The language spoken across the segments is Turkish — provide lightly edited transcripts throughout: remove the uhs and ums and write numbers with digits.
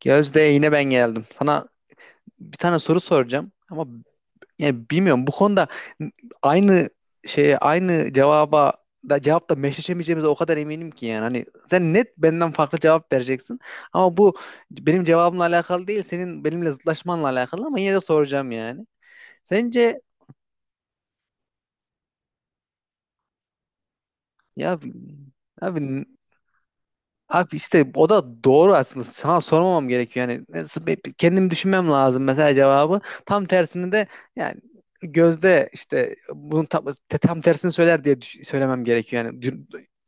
Gözde, yine ben geldim. Sana bir tane soru soracağım ama yani bilmiyorum, bu konuda aynı şeye, aynı cevaba da, cevapta meşleşemeyeceğimize o kadar eminim ki. Yani hani sen net benden farklı cevap vereceksin ama bu benim cevabımla alakalı değil, senin benimle zıtlaşmanla alakalı. Ama yine de soracağım yani. Sence ya abi Abi işte o da doğru aslında. Sana sormamam gerekiyor. Yani kendim düşünmem lazım mesela cevabı. Tam tersini de yani Gözde işte bunun tam tersini söyler diye söylemem gerekiyor. Yani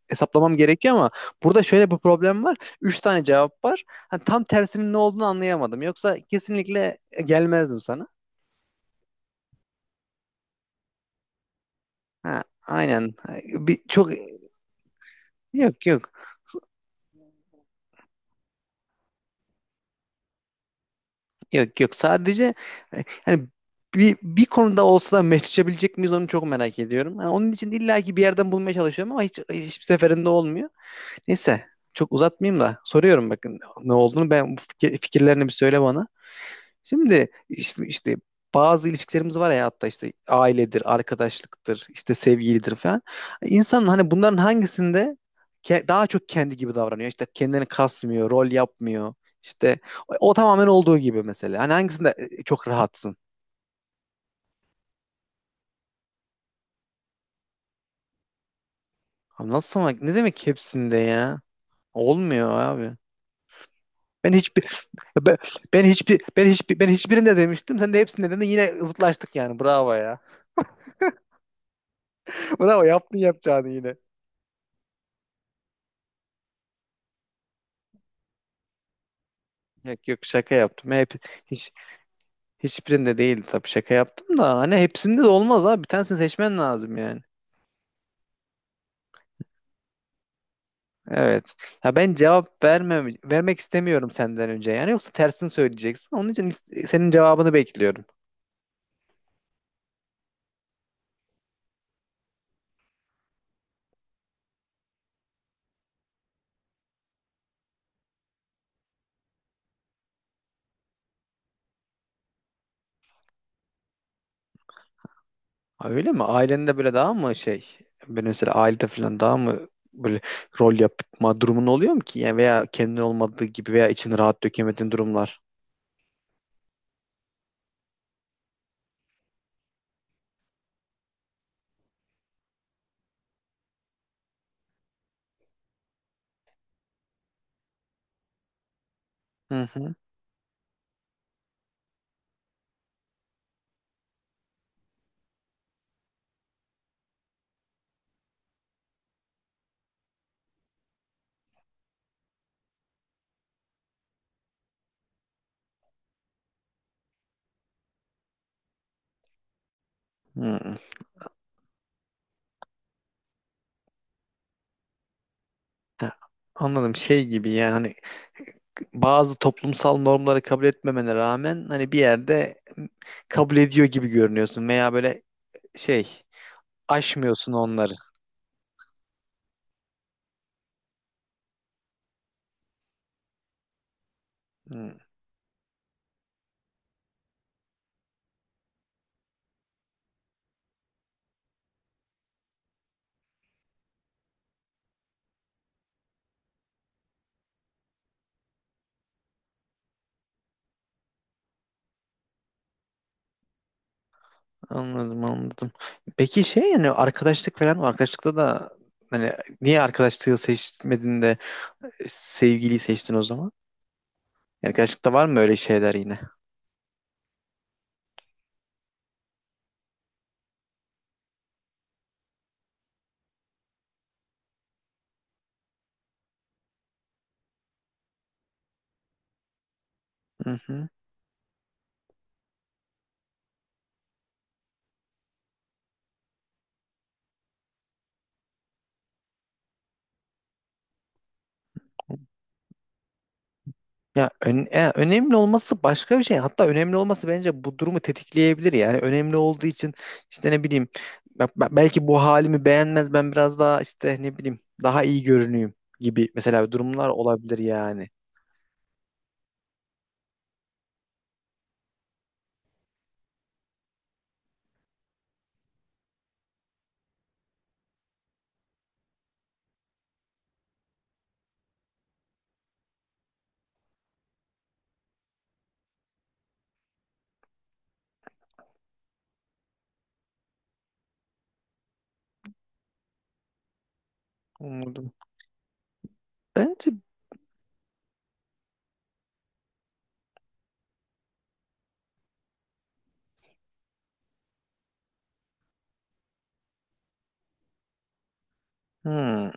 hesaplamam gerekiyor ama burada şöyle bir problem var. Üç tane cevap var. Ha, tam tersinin ne olduğunu anlayamadım. Yoksa kesinlikle gelmezdim sana. Ha, aynen. Ha, Bir, çok yok yok. Yok yok, sadece hani bir konuda olsa da meşleşebilecek miyiz onu çok merak ediyorum. Yani onun için illaki bir yerden bulmaya çalışıyorum ama hiç, hiçbir seferinde olmuyor. Neyse, çok uzatmayayım da soruyorum, bakın ne olduğunu. Ben bu fikirlerini bir söyle bana. Şimdi işte bazı ilişkilerimiz var ya, hatta işte ailedir, arkadaşlıktır, işte sevgilidir falan. İnsanın hani bunların hangisinde daha çok kendi gibi davranıyor, İşte kendini kasmıyor, rol yapmıyor. İşte o, o tamamen olduğu gibi mesela. Hani hangisinde çok rahatsın? Abi nasıl ama, ne demek hepsinde ya? Olmuyor abi. Ben hiçbir ben, ben hiçbirinde demiştim. Sen de hepsinde dedin. Yine zıtlaştık yani. Bravo ya. Bravo, yaptın yapacağını yine. Yok yok, şaka yaptım. Hiç hiçbirinde değildi tabii, şaka yaptım da hani hepsinde de olmaz abi. Bir tanesini seçmen lazım yani. Evet. Ya ben cevap vermem, vermek istemiyorum senden önce. Yani yoksa tersini söyleyeceksin. Onun için senin cevabını bekliyorum. Ha, öyle mi? Ailende böyle daha mı şey? Ben mesela ailede falan daha mı böyle rol yapma durumun oluyor mu ki? Yani veya kendin olmadığı gibi veya içini rahat dökemediğin durumlar. Hı hı. Hı. Ha, anladım, şey gibi yani, hani bazı toplumsal normları kabul etmemene rağmen hani bir yerde kabul ediyor gibi görünüyorsun, veya böyle şey, aşmıyorsun onları. Hmm, anladım anladım. Peki şey, yani arkadaşlık falan var. Arkadaşlıkta da hani niye arkadaşlığı seçmedin de sevgiliyi seçtin o zaman? Yani gerçekten var mı öyle şeyler yine? Hı hı. Ya önemli olması başka bir şey. Hatta önemli olması bence bu durumu tetikleyebilir. Yani önemli olduğu için işte ne bileyim belki bu halimi beğenmez, ben biraz daha işte ne bileyim daha iyi görüneyim gibi mesela durumlar olabilir yani. Anladım. Bence hmm,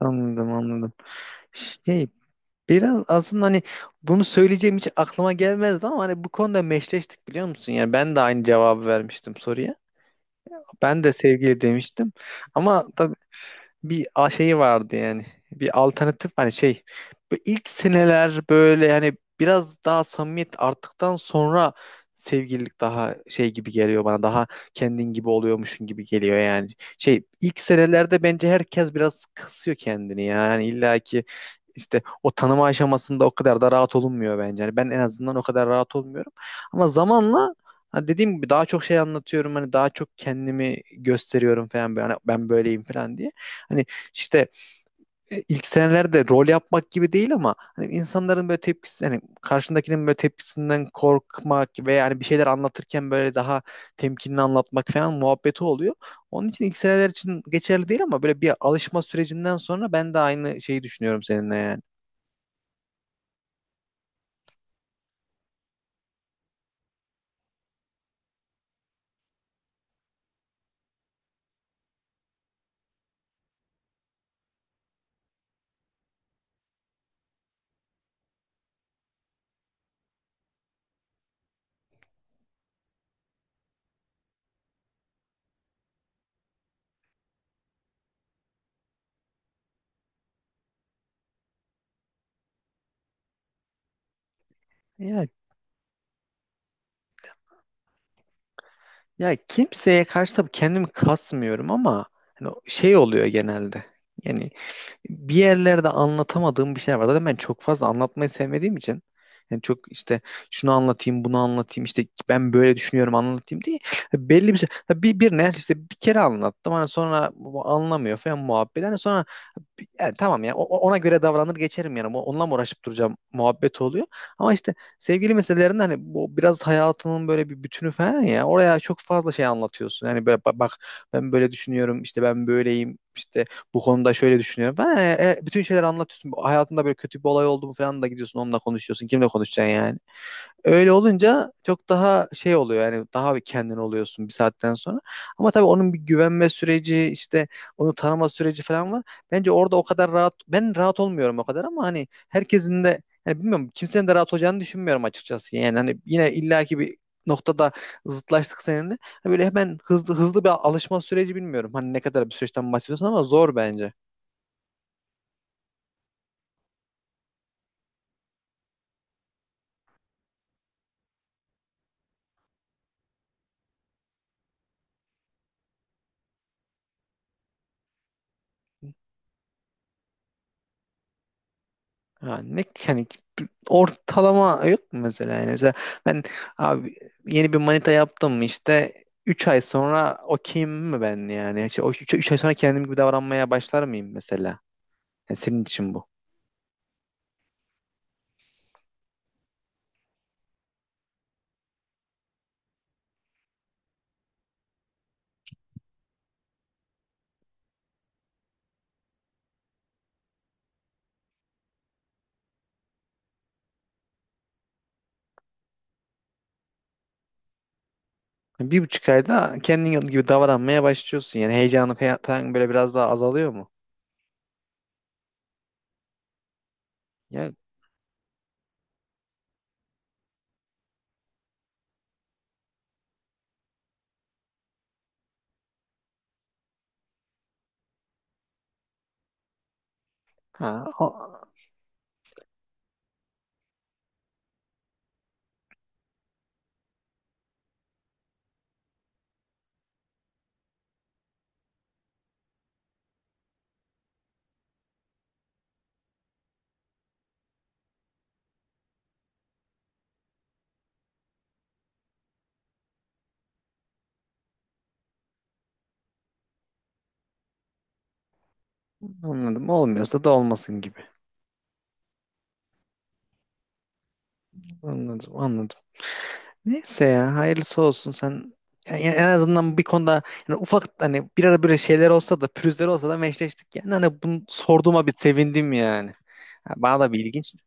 anladım anladım. Şey, biraz aslında hani bunu söyleyeceğim hiç aklıma gelmezdi ama hani bu konuda meşleştik biliyor musun? Yani ben de aynı cevabı vermiştim soruya. Ben de sevgili demiştim. Ama tabii bir şeyi vardı yani. Bir alternatif hani şey. Bu ilk seneler böyle yani biraz daha samimiyet arttıktan sonra sevgililik daha şey gibi geliyor bana. Daha kendin gibi oluyormuşsun gibi geliyor yani. Şey, ilk senelerde bence herkes biraz kısıyor kendini ya. Yani illa ki işte o tanıma aşamasında o kadar da rahat olunmuyor bence. Yani ben en azından o kadar rahat olmuyorum. Ama zamanla hani dediğim gibi daha çok şey anlatıyorum. Hani daha çok kendimi gösteriyorum falan, böyle. Hani ben böyleyim falan diye. Hani işte ilk senelerde rol yapmak gibi değil ama hani insanların böyle tepkisi, hani karşındakinin böyle tepkisinden korkmak ve yani bir şeyler anlatırken böyle daha temkinli anlatmak falan muhabbeti oluyor. Onun için ilk seneler için geçerli değil ama böyle bir alışma sürecinden sonra ben de aynı şeyi düşünüyorum seninle yani. Ya, ya kimseye karşı tabii kendimi kasmıyorum ama hani şey oluyor genelde. Yani bir yerlerde anlatamadığım bir şey var. Zaten ben çok fazla anlatmayı sevmediğim için yani çok işte şunu anlatayım, bunu anlatayım, işte ben böyle düşünüyorum anlatayım diye belli bir şey. Bir ne işte, bir kere anlattım, hani sonra bu anlamıyor falan muhabbet. Hani sonra yani tamam ya ona göre davranır geçerim yani. Onunla mı uğraşıp duracağım muhabbet oluyor. Ama işte sevgili meselelerinde hani bu biraz hayatının böyle bir bütünü falan ya. Oraya çok fazla şey anlatıyorsun. Yani böyle bak, ben böyle düşünüyorum, işte ben böyleyim, işte bu konuda şöyle düşünüyorum falan. Bütün şeyler anlatıyorsun. Bu hayatında böyle kötü bir olay oldu mu falan da gidiyorsun onunla konuşuyorsun. Kimle konuşacaksın yani? Öyle olunca çok daha şey oluyor, yani daha bir kendin oluyorsun bir saatten sonra. Ama tabii onun bir güvenme süreci, işte onu tanıma süreci falan var. Bence orada o kadar rahat, ben rahat olmuyorum o kadar ama hani herkesin de, yani bilmiyorum, kimsenin de rahat olacağını düşünmüyorum açıkçası. Yani hani yine illaki bir noktada zıtlaştık seninle. Hani böyle hemen hızlı hızlı bir alışma süreci, bilmiyorum. Hani ne kadar bir süreçten bahsediyorsun ama zor bence. Ha, ne yani, ortalama yok mu mesela? Yani mesela ben abi yeni bir manita yaptım, işte 3 ay sonra okeyim mi ben yani, işte, o 3, ay sonra kendim gibi davranmaya başlar mıyım mesela, yani senin için bu. Yani 1,5 ayda kendin gibi davranmaya başlıyorsun yani, heyecanı falan böyle biraz daha azalıyor mu ya? ha o- Anladım, olmuyorsa da olmasın gibi. Anladım anladım. Neyse ya, hayırlısı olsun. Sen yani en azından bir konuda, yani ufak hani bir ara böyle şeyler olsa da, pürüzler olsa da, meşleştik yani. Hani bunu sorduğuma bir sevindim yani. Ha, bana da bir ilginçti.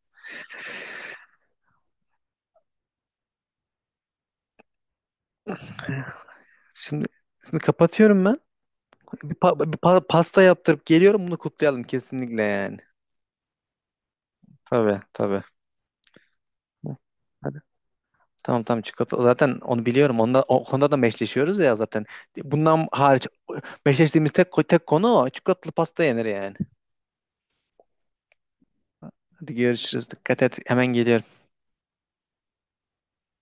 Şimdi, şimdi kapatıyorum ben. Bir pasta yaptırıp geliyorum, bunu kutlayalım kesinlikle yani. Tabii tabii. Hadi. Tamam tamam, çikolata. Zaten onu biliyorum. Onda, o konuda da meşleşiyoruz ya zaten. Bundan hariç meşleştiğimiz tek konu o. Çikolatalı pasta yenir yani. Hadi görüşürüz. Dikkat et. Hemen geliyorum.